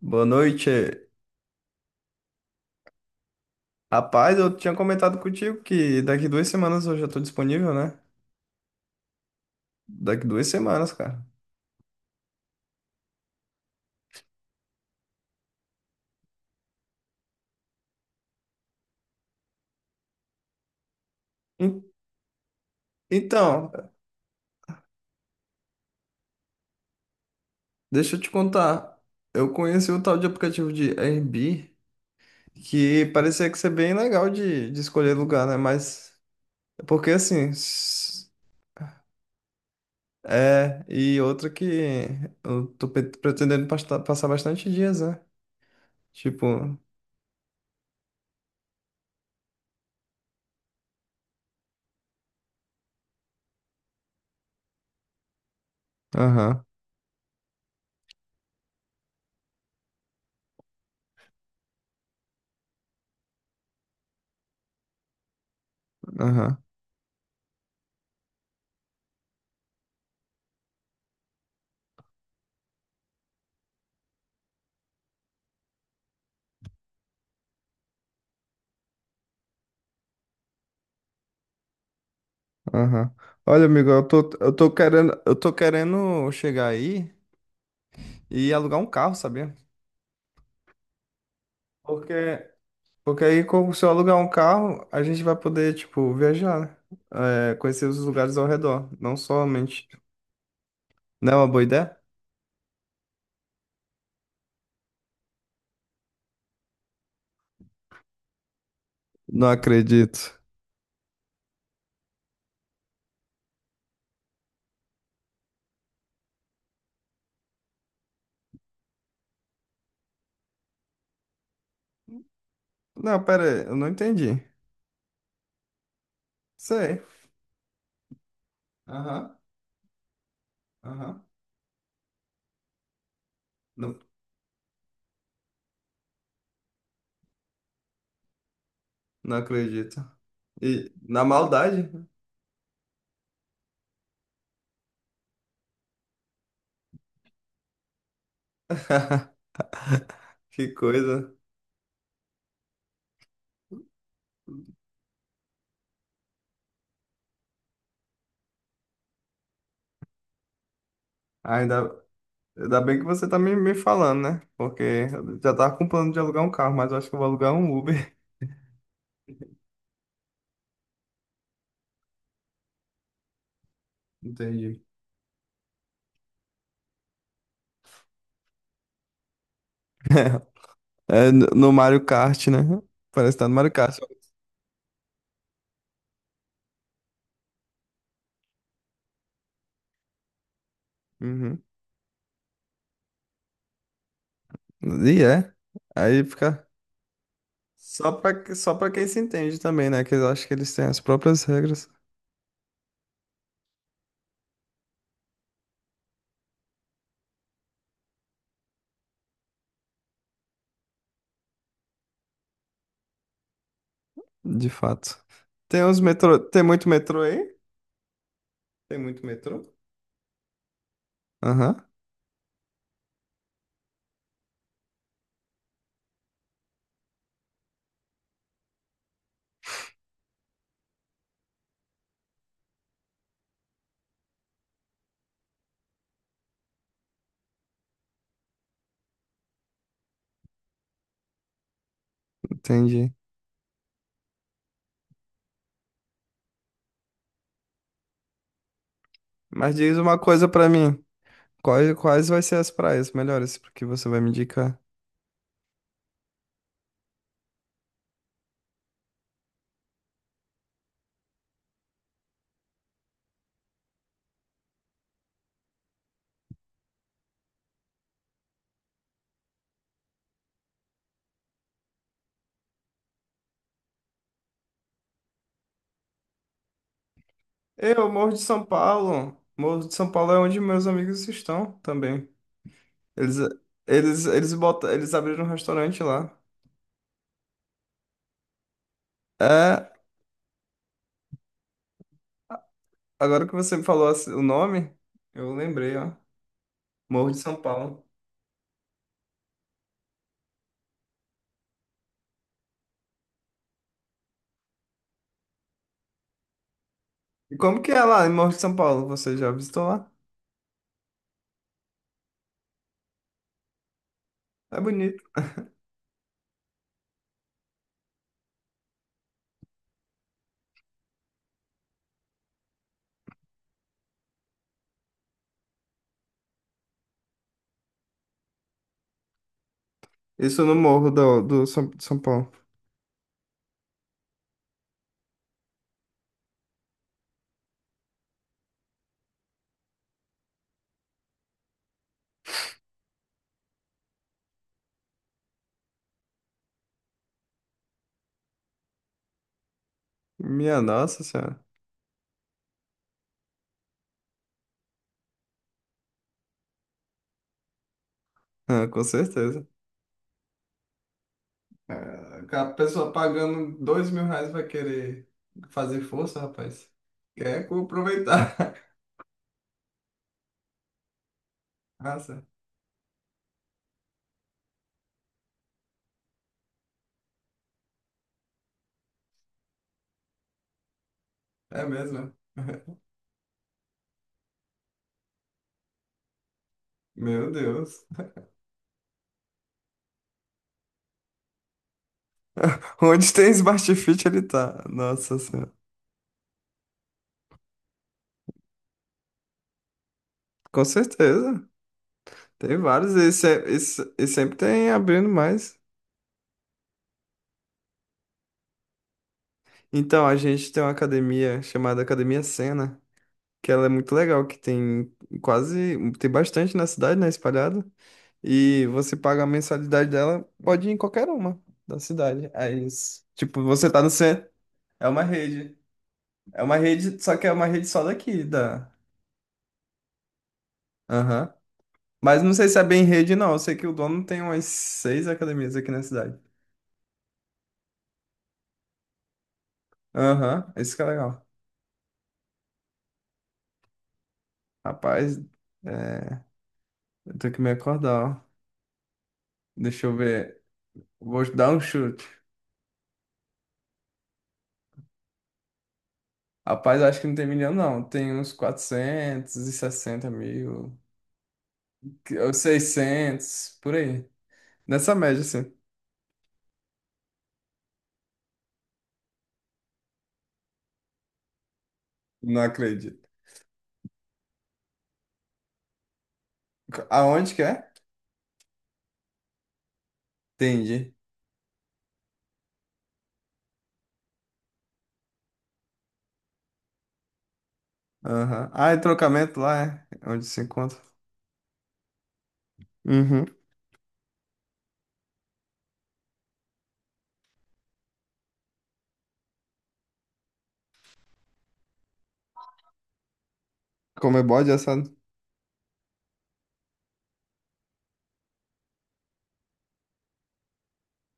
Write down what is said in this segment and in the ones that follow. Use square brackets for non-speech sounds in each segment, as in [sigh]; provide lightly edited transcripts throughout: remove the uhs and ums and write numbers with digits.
Boa noite. Rapaz, eu tinha comentado contigo que daqui 2 semanas eu já tô disponível, né? Daqui duas semanas, cara. En- Então, deixa eu te contar. Eu conheci um tal de aplicativo de Airbnb que parecia que ser bem legal de escolher lugar, né? Mas, porque assim, é, e outra que eu tô pretendendo passar bastante dias, né? Tipo, aham, aham. Aham. Olha, amigo, eu tô querendo chegar aí e alugar um carro, sabia? Porque, porque aí, se eu alugar um carro, a gente vai poder, tipo, viajar, né? É, conhecer os lugares ao redor, não somente. Não é uma boa ideia? Não acredito. Não, pera aí, eu não entendi. Sei. Aham, aham. Não, não acredito. E na maldade? [laughs] Que coisa. Ainda, Ainda bem que você tá me falando, né? Porque eu já tava com plano de alugar um carro, mas eu acho que eu vou alugar um Uber. [laughs] Entendi. É, no Mario Kart, né? Parece que tá no Mario Kart. Uhum. E é. Aí fica. Só pra quem se entende também, né? Que eu acho que eles têm as próprias regras, de fato. Tem uns metrô. Tem muito metrô aí? Tem muito metrô? Aham, entendi. Mas diz uma coisa pra mim. Quais vai ser as praias melhores que você vai me indicar? Morro de São Paulo. Morro de São Paulo é onde meus amigos estão também. Eles, eles abriram um restaurante lá. É, agora que você me falou assim, o nome, eu lembrei, ó. Morro de São Paulo. E como que é lá em Morro de São Paulo? Você já visitou lá? É bonito. Isso no Morro do de São Paulo. Minha nossa senhora. Ah, com certeza. É, a pessoa pagando R$ 2.000 vai querer fazer força, rapaz. Quer aproveitar. [laughs] Nossa. É mesmo? [laughs] Meu Deus. Onde tem Smart Fit ele tá? Nossa Senhora. Com certeza. Tem vários e, e sempre tem abrindo mais. Então, a gente tem uma academia chamada Academia Sena, que ela é muito legal, que tem bastante na cidade, né, espalhada. E você paga a mensalidade dela, pode ir em qualquer uma da cidade. Aí, tipo, você tá no centro, é uma rede. É uma rede, só que é uma rede só daqui. Aham. Mas não sei se é bem rede, não. Eu sei que o dono tem umas seis academias aqui na cidade. Aham, isso que é legal. Rapaz, é, eu tenho que me acordar, ó. Deixa eu ver. Vou dar um chute. Rapaz, acho que não tem milhão, não. Tem uns 460 mil, ou 600 por aí. Nessa média, assim. Não acredito. Aonde que é? Entendi. Aham. Ah, e trocamento lá é onde se encontra. Uhum. Como é bode é assado.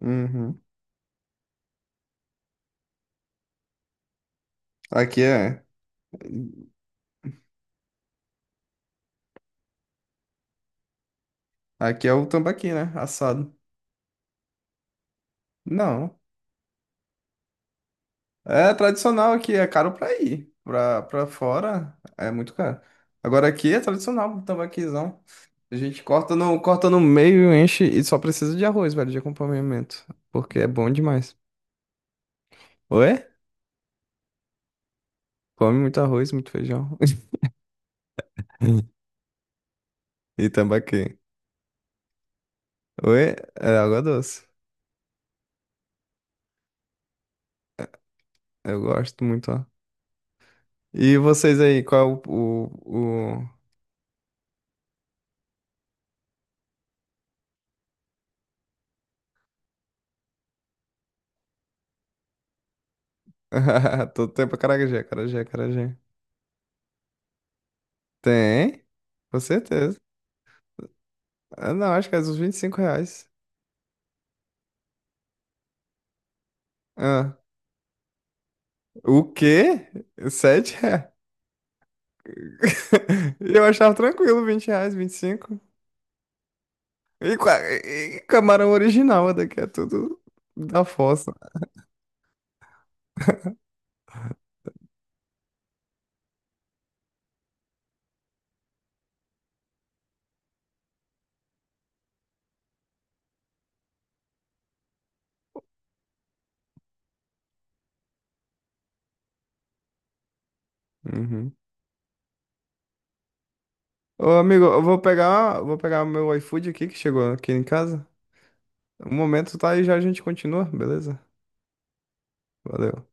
Uhum. Aqui é. Aqui é o tambaqui, né? Assado. Não. É tradicional aqui, é caro pra ir. Pra fora é muito caro. Agora aqui é tradicional o tambaquizão. A gente corta no meio, enche e só precisa de arroz, velho, de acompanhamento. Porque é bom demais. Oi? Come muito arroz, muito feijão. [laughs] E tambaqui. Oi? É água doce. Eu gosto muito, ó. E vocês aí, qual é o. [laughs] Todo tempo é acarajé, acarajé, acarajé. Tem, com certeza. Ah, não, acho que é uns R$ 25. Ah, o quê? Sete reais? [laughs] Eu achava tranquilo, R$ 20, 25. E, cinco. E, e camarão original, daqui é tudo da fossa. Uhum. Ô, amigo, eu vou pegar o meu iFood aqui que chegou aqui em casa. Um momento, tá? E já a gente continua, beleza? Valeu.